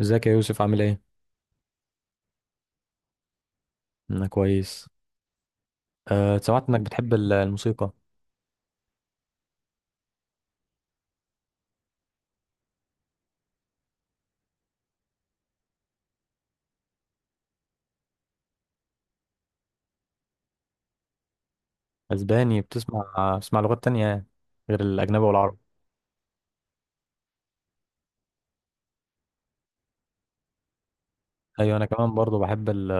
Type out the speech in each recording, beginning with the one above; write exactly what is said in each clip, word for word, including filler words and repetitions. ازيك يا يوسف، عامل ايه؟ انا كويس. أه سمعت انك بتحب ال- الموسيقى. اسباني؟ بتسمع بتسمع لغات تانية يعني غير الاجنبي والعربي؟ ايوه انا كمان برضو بحب ال،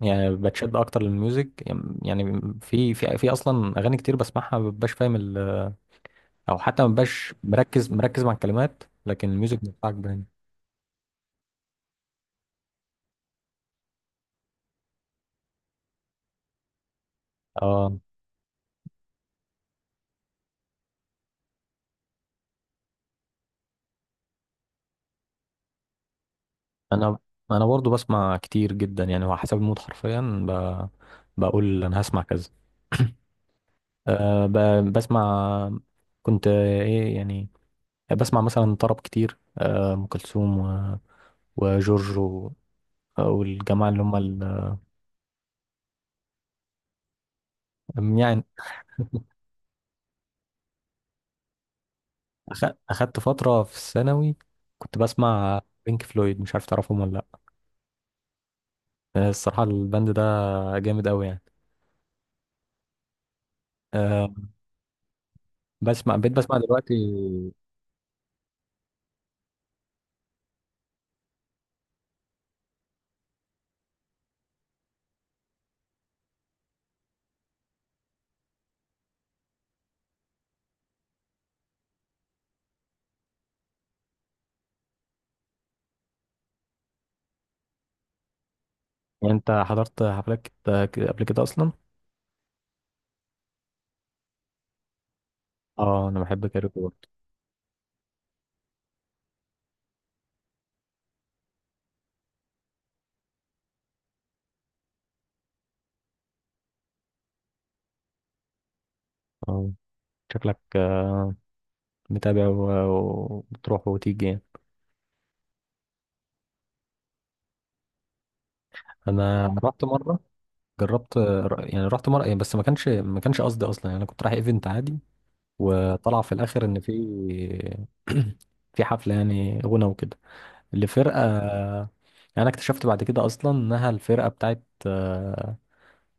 يعني بتشد اكتر للميوزك. يعني في في في اصلا اغاني كتير بسمعها ما ببقاش فاهم ال، او حتى ما ببقاش مركز مركز مع الكلمات، لكن الميوزك بتاعك باين. اه انا انا برضو بسمع كتير جدا يعني. هو حسب المود حرفيا، ب... بقول انا هسمع كذا. أه ب- بسمع. كنت آه، ايه يعني، بسمع مثلا طرب كتير، آه، ام كلثوم و- وجورج و- والجماعه اللي هم ال، يعني أخ- اخدت فتره في الثانوي كنت بسمع بينك فلويد، مش عارف تعرفهم ولا لا. آه، الصراحه الباند ده جامد قوي يعني. أه بسمع، بقيت بسمع دلوقتي. يعني انت حضرت حفلات كت- ك- قبل كده اصلا؟ اه انا بحب كايروكي برضه. اه شكلك آه، متابع و- وبتروح وتيجي يعني. انا رحت مره، جربت. يعني رحت مرة يعني، بس ما كانش ما كانش قصدي اصلا. يعني انا كنت رايح ايفنت عادي وطلع في الاخر ان في، في حفلة يعني، غنى وكده لفرقة. يعني انا اكتشفت بعد كده اصلا انها الفرقة بتاعت، آه،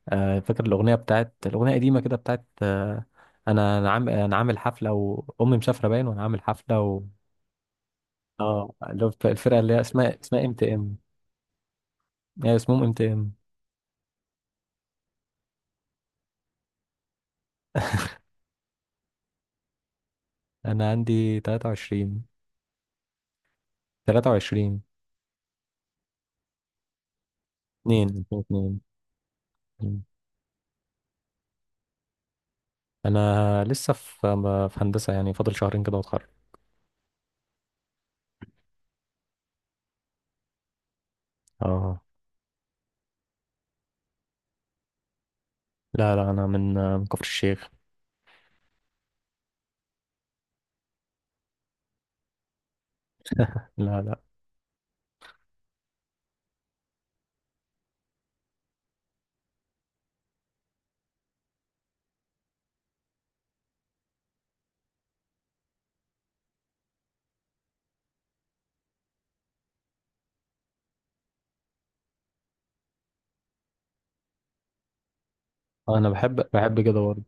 آه، فاكر الاغنية بتاعت، الاغنية قديمة كده بتاعت، آه، انا انا عامل انا عامل حفلة وامي مسافرة باين، وانا عامل حفلة و... اه اللي هو الفرقة اللي هي اسمها اسمها ام تي ام. هي اسمهم ام تي ام. انا عندي تلاتة وعشرين. ثلاثة وعشرين. اتنين اتنين. مم. انا لسه في، في هندسه يعني، فاضل شهرين كده واتخرج. اه لا لا، انا من، من كفر الشيخ. لا لا. انا بحب، بحب كده برضه.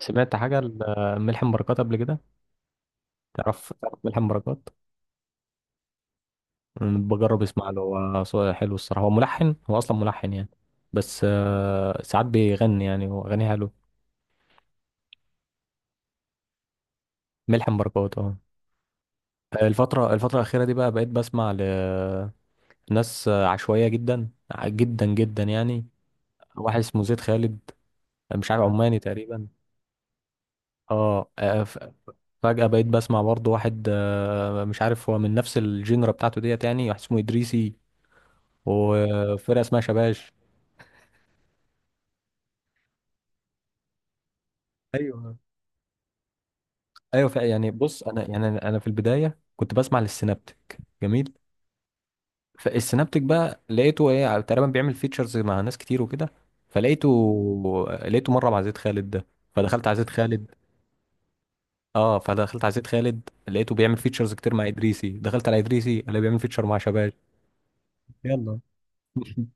سمعت حاجه ل- ملحم بركات قبل كده؟ تعرف تعرف ملحم بركات؟ أمم، بجرب اسمع له، هو صوته حلو الصراحه. هو ملحن، هو اصلا ملحن يعني. بس آه، ساعات بيغني يعني واغانيه حلو. ملحم بركات، اه. الفتره، الفتره الاخيره دي بقى بقيت بسمع لناس عشوائيه جدا، جدا جدا يعني. واحد اسمه زيد خالد، مش عارف، عماني تقريبا. اه آه، ف- فجأة بقيت بسمع برضه واحد، آه، مش عارف هو من نفس الجينرا بتاعته ديت يعني، واحد اسمه إدريسي، وفرقة اسمها شباش. ايوه ايوه ف- يعني بص انا، يعني انا أنا في البداية كنت بسمع للسينابتك. جميل. فالسينابتك بقى لقيته ايه، تقريبا بيعمل فيتشرز مع ناس كتير وكده. فلقيته، لقيته مرة مع زيد خالد ده، فدخلت على زيد خالد. اه فدخلت على زيد خالد لقيته بيعمل فيتشرز كتير مع ادريسي، دخلت على ادريسي اللي بيعمل فيتشر مع شباب. يلا.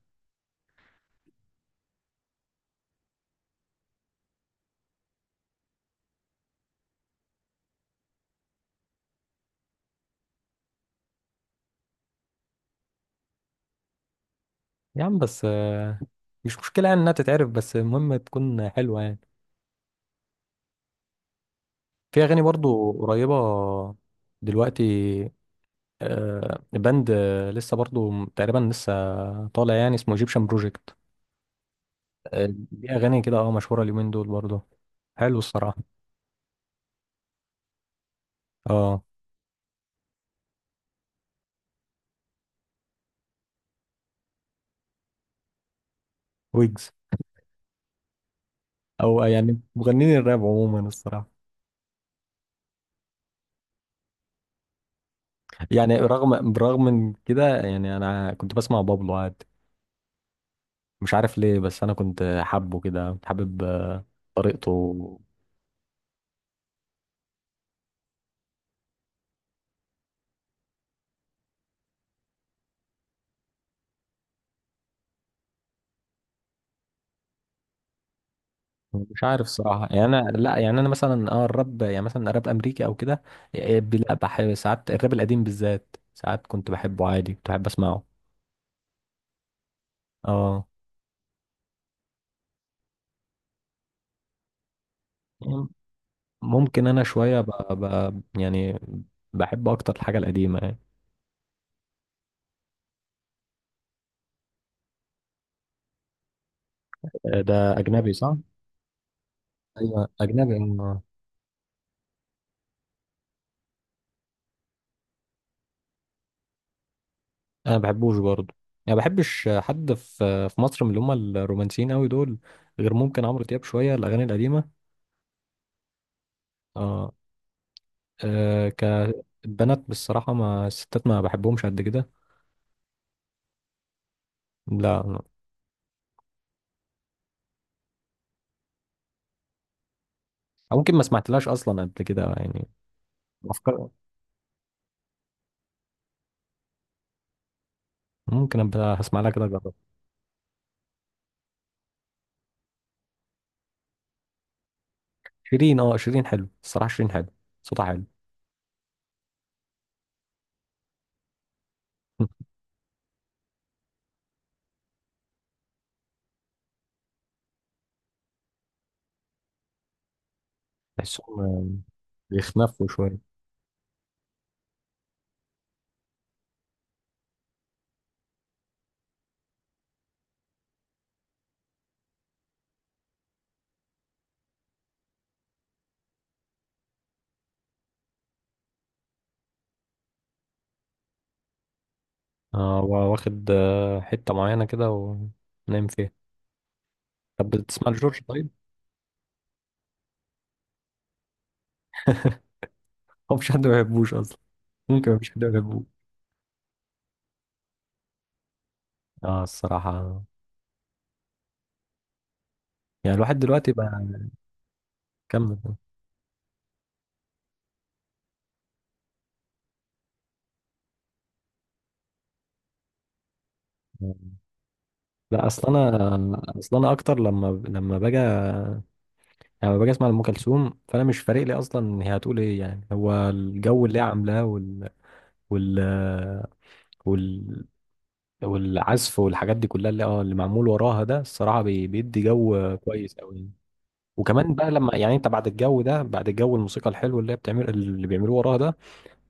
يا عم بس آه، مش مشكلة يعني انها تتعرف، بس المهم تكون حلوة يعني. في اغاني برضو قريبة دلوقتي، آه، باند آه، لسه برضو تقريبا لسه طالع يعني، اسمه ايجيبشن بروجكت. دي اغاني كده اه مشهورة اليومين دول برضو، حلو الصراحة. اه ويجز، او يعني مغنيين الراب عموما الصراحة. يعني رغم، برغم من كده يعني، انا كنت بسمع بابلو عادي، مش عارف ليه، بس انا كنت حابه كده، كنت حابب آه، طريقته. مش عارف صراحة يعني. أنا لا، يعني أنا مثلا أه الراب يعني، مثلا الراب الأمريكي أو كده، إيه، ب- لا بحب ساعات الراب القديم بالذات، ساعات كنت بحبه عادي، كنت بحب أسمعه. أه ممكن أنا شوية ب... ب... يعني بحب أكتر الحاجة القديمة يعني. آه، ده أجنبي صح؟ أيوة أجنبي. أه أنا ما بحبوش برضه، يعني ما بحبش حد في، في مصر من اللي هم الرومانسيين أوي دول، غير ممكن عمرو دياب شوية الأغاني القديمة. أه، أه كبنات بالصراحة، ما الستات ما بحبهمش قد كده. لا لا. أو ممكن ما سمعتلهاش اصلا قبل كده يعني. افكار. ممكن ابقى هسمع لها كده اجرب. شيرين، اه شيرين حلو الصراحه، شيرين حلو. صوتها حلو. تحسهم آه، بيخنفوا شويه. اه وا- واخد آه، حته معينه كده ونايم فيها. طب بتسمع لجورج طيب؟ هو مفيش حد ما بيحبوش اصلا. ممكن مفيش حد ما بيحبوش. اه الصراحه. يعني الواحد دلوقتي بقى. كمل. آه، لا، اصل انا اصل انا اكتر لما لما باجي يعني، لما باجي اسمع لام كلثوم فانا مش فارق لي اصلا هي هتقول ايه، يعني هو الجو اللي هي عاملاه وال، وال، وال، والعزف والحاجات دي كلها اللي اه اللي معمول وراها ده الصراحه بي- بيدي جو كويس قوي. وكمان بقى لما، يعني انت بعد الجو ده، بعد الجو الموسيقى الحلو اللي هي بتعمل اللي بيعملوه وراها ده،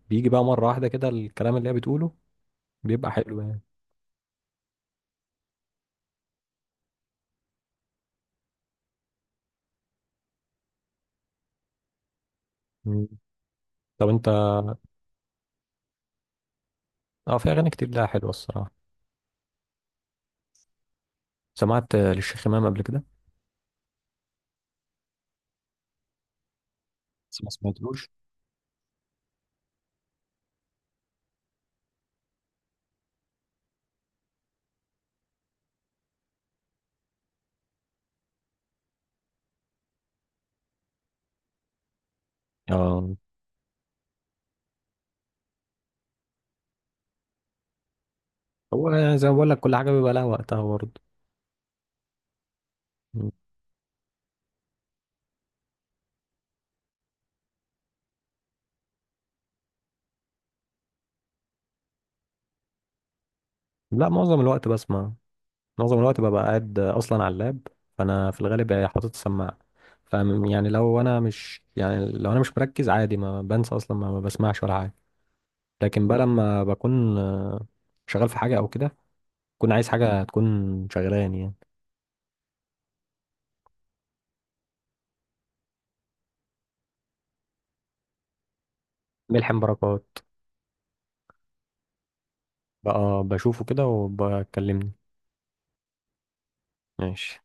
بيجي بقى مره واحده كده الكلام اللي هي بتقوله، بيبقى حلو يعني. مم. طب انت. اه، في اغاني كتير لها حلوه الصراحه. سمعت آه، للشيخ امام قبل كده؟ بس ما سمعتلوش. اه هو زي ما بقول لك، كل حاجه بيبقى لها وقتها برضه. مم. لا معظم الوقت بسمع، معظم الوقت ببقى قاعد اصلا على اللاب، فانا في الغالب يعني حاطط السماعه. ف، يعني لو انا مش، يعني لو انا مش مركز عادي ما بنسى اصلا، ما ما بسمعش ولا حاجه. لكن بقى لما بكون آه، شغال في حاجه او كده، بكون عايز حاجه تكون شغلاني يعني. ملحم بركات. بقى بشوفه كده وبكلمني. ماشي.